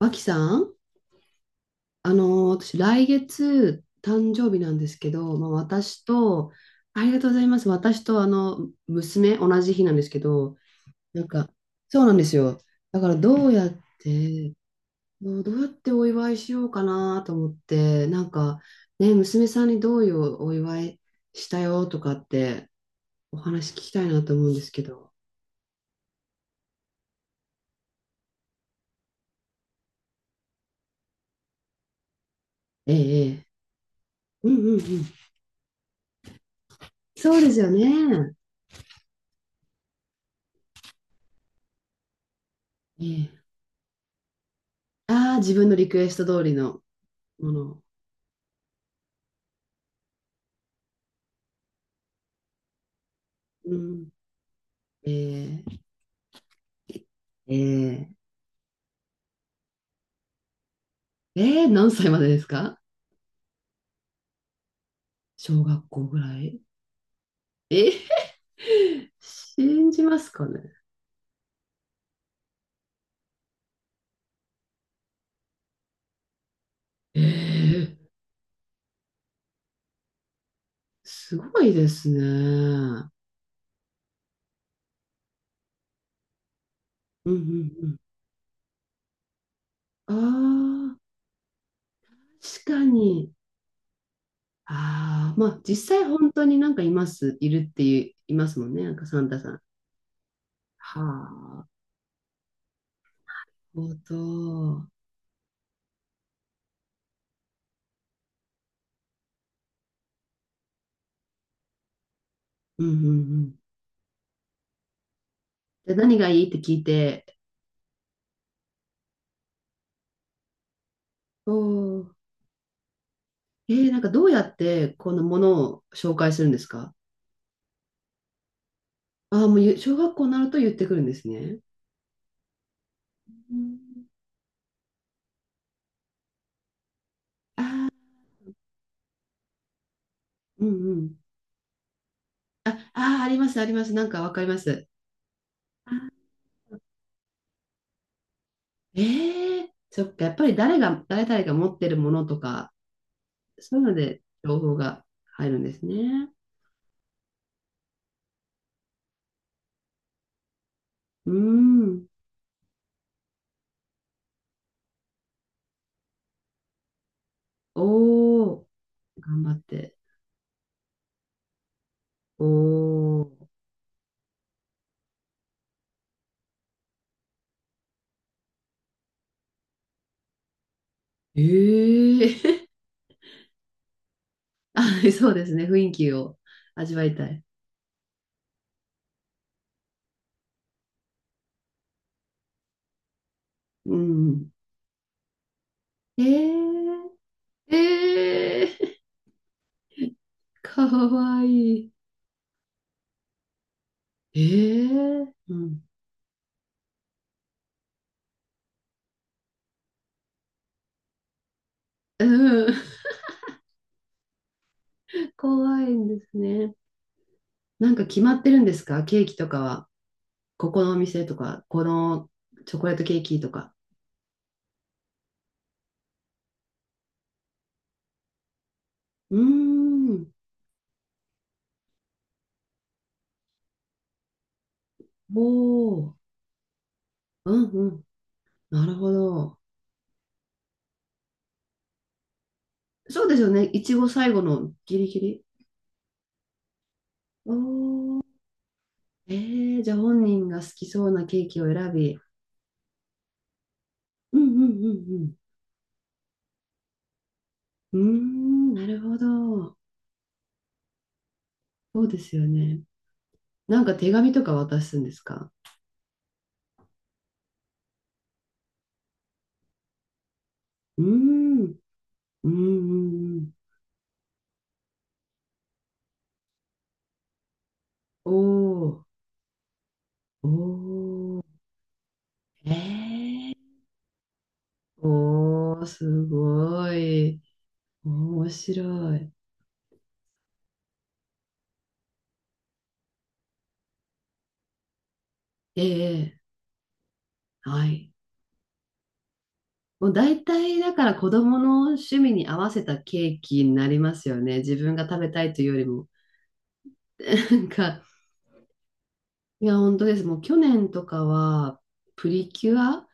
脇さん、あの私、来月、誕生日なんですけど、まあ、私と、ありがとうございます。私と、あの、娘、同じ日なんですけど、なんか、そうなんですよ。だから、て、どうやってお祝いしようかなと思って、なんか、ね、娘さんにどういうお祝いしたよとかって、お話聞きたいなと思うんですけど。ええ、ええ。うんうんうん。そうですよね。ええ。ああ、自分のリクエスト通りのもの、うん。えー、えー、何歳までですか？小学校ぐらい。え、信じますかね。えー、すごいですね。うんうんうん。ああ、確かに。ああ、まあ実際本当になんかいます、いるっていう、いますもんね、なんかサンタさん。はあ、なるほど。うんうんうん。で、何がいいって聞いて、おお、なんかどうやってこのものを紹介するんですか？ああ、もう小学校になると言ってくるんですね。うんうんうん。あ、ああ、あります、あります。なんかわかります。あ、ええ、そっか、やっぱり誰々が持ってるものとか、そういうので情報が入るんですね。うーん。おお、頑張って。おお。ええ あ、そうですね。雰囲気を味わいたい。うん。ええ、ええ かわいい。ええ、うんうん。怖いんですね。なんか決まってるんですか、ケーキとかは？ここのお店とか、このチョコレートケーキとか。うーん。おー。うんうん。なるほど。そうですよね。いちご最後のギリギリ。おー。えじゃあ本人が好きそうなケーキを選び。うんうんうんうん。うーん、なるほど。そうですよね。なんか手紙とか渡すんですか？うーん。うんうんうん。おー。おー、ええ、おー、すごい。面白い。ええ、はい。もう大体、だから子供の趣味に合わせたケーキになりますよね。自分が食べたいというよりも。なんか、いや、本当です。もう去年とかは、プリキュア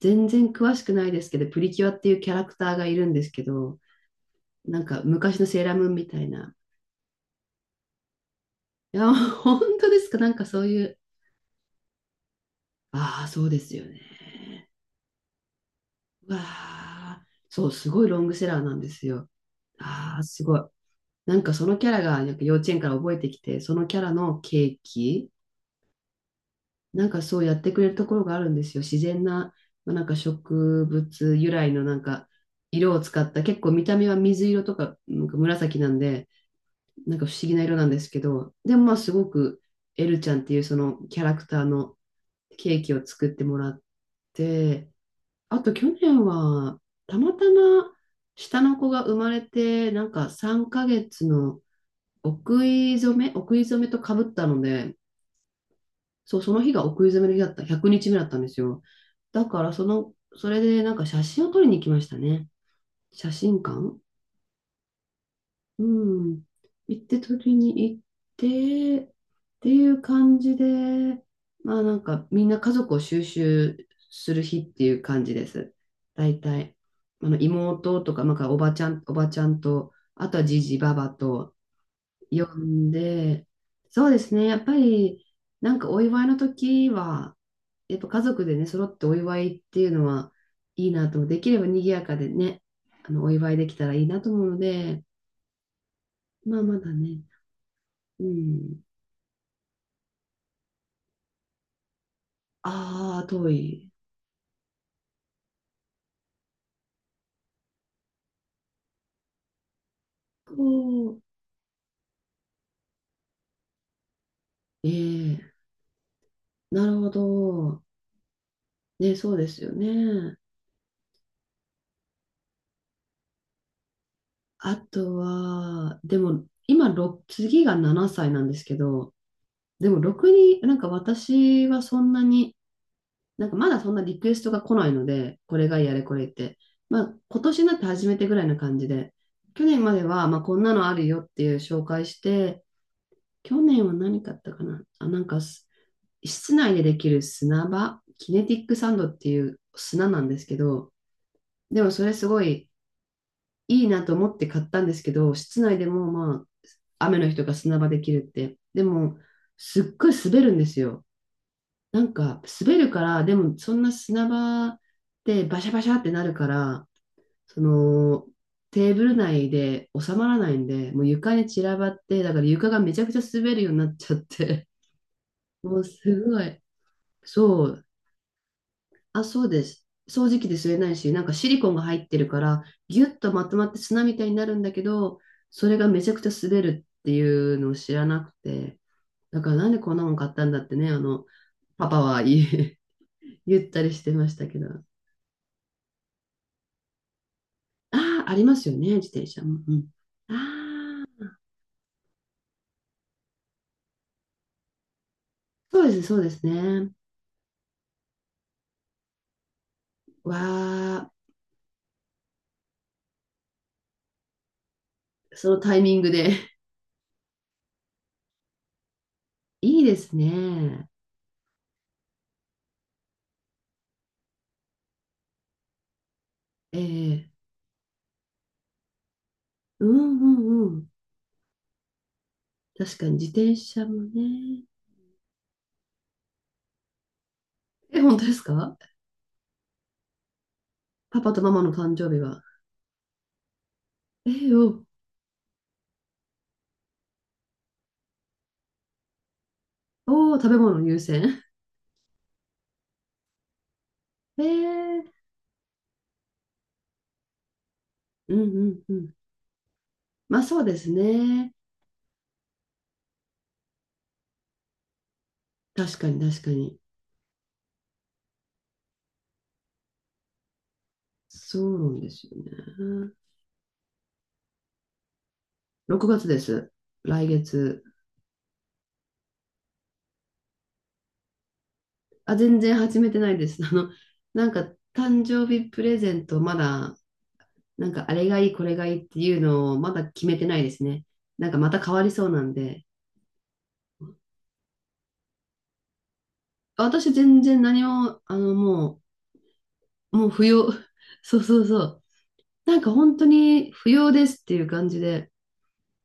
全然詳しくないですけど、プリキュアっていうキャラクターがいるんですけど、なんか昔のセーラームーンみたいな。いや、本当ですか？なんかそういう、ああ、そうですよね。うわあ、そう、すごいロングセラーなんですよ。ああ、すごい。なんかそのキャラがなんか幼稚園から覚えてきて、そのキャラのケーキ、なんかそうやってくれるところがあるんですよ。自然な、まあ、なんか植物由来のなんか色を使った、結構見た目は水色とか、なんか紫なんで、なんか不思議な色なんですけど、でもまあすごくエルちゃんっていうそのキャラクターのケーキを作ってもらって、あと去年は、たまたま下の子が生まれて、なんか3ヶ月のお食い初めとかぶったので、そう、その日がお食い初めの日だった、100日目だったんですよ。だから、その、それでなんか写真を撮りに行きましたね。写真館、うん。行って取りに行ってっていう感じで、まあなんかみんな家族を収集する日っていう感じです。大体。あの妹とか、なんかおばちゃんと、あとはじじばばと呼んで、そうですね。やっぱりなんかお祝いの時は、やっぱ家族でね、揃ってお祝いっていうのはいいなと、できれば賑やかでね、あのお祝いできたらいいなと思うので、まあまだね。うん。ああ、遠い。こう、ええ、なるほど。ね、そうですよね。あとは、でも、今、ろく次が7歳なんですけど、でも、ろくに、なんか私はそんなに、なんかまだそんなリクエストが来ないので、これがやれこれって。まあ、今年になって初めてぐらいな感じで、去年までは、まあ、こんなのあるよっていう紹介して、去年は何買ったかなあ、なんか、室内でできる砂場、キネティックサンドっていう砂なんですけど、でもそれすごいいいなと思って買ったんですけど、室内でもまあ、雨の日とか砂場できるって。でも、すっごい滑るんですよ。なんか、滑るから、でもそんな砂場でバシャバシャってなるから、その、テーブル内で収まらないんで、もう床に散らばって、だから床がめちゃくちゃ滑るようになっちゃって、もうすごい。そう、あ、そうです。掃除機で吸えないし、なんかシリコンが入ってるから、ギュッとまとまって砂みたいになるんだけど、それがめちゃくちゃ滑るっていうのを知らなくて、だからなんでこんなもん買ったんだってね、あの、パパは言ったりしてましたけど。ああ、ありますよね、自転車。うんうん。ああ、そうです、そうですね。わあ、そのタイミングで いいですね。ええ、うんうんうん。確かに自転車もね。え、本当ですか？パパとママの誕生日は？えー、よ。おお、食べ物優先。えー、うんうんうん。まあそうですね。確かに確かに。そうなんですよね。6月です。来月。あ、全然始めてないです。あの、なんか誕生日プレゼントまだ、なんかあれがいい、これがいいっていうのをまだ決めてないですね。なんかまた変わりそうなんで。私全然何も、あの、もう不要。そうそうそう。なんか本当に不要ですっていう感じで、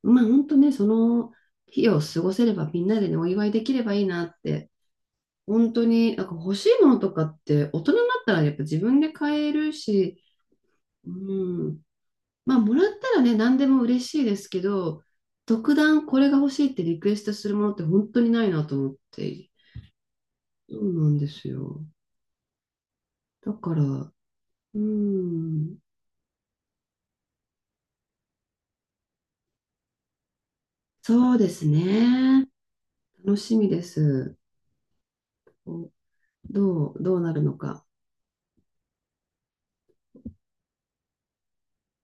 まあ本当ね、その日を過ごせればみんなでね、お祝いできればいいなって、本当になんか欲しいものとかって大人になったらやっぱ自分で買えるし、うん、まあもらったらね、何でも嬉しいですけど、特段これが欲しいってリクエストするものって本当にないなと思って、そうなんですよ。だから、うん、そうですね。楽しみです。どうなるのか。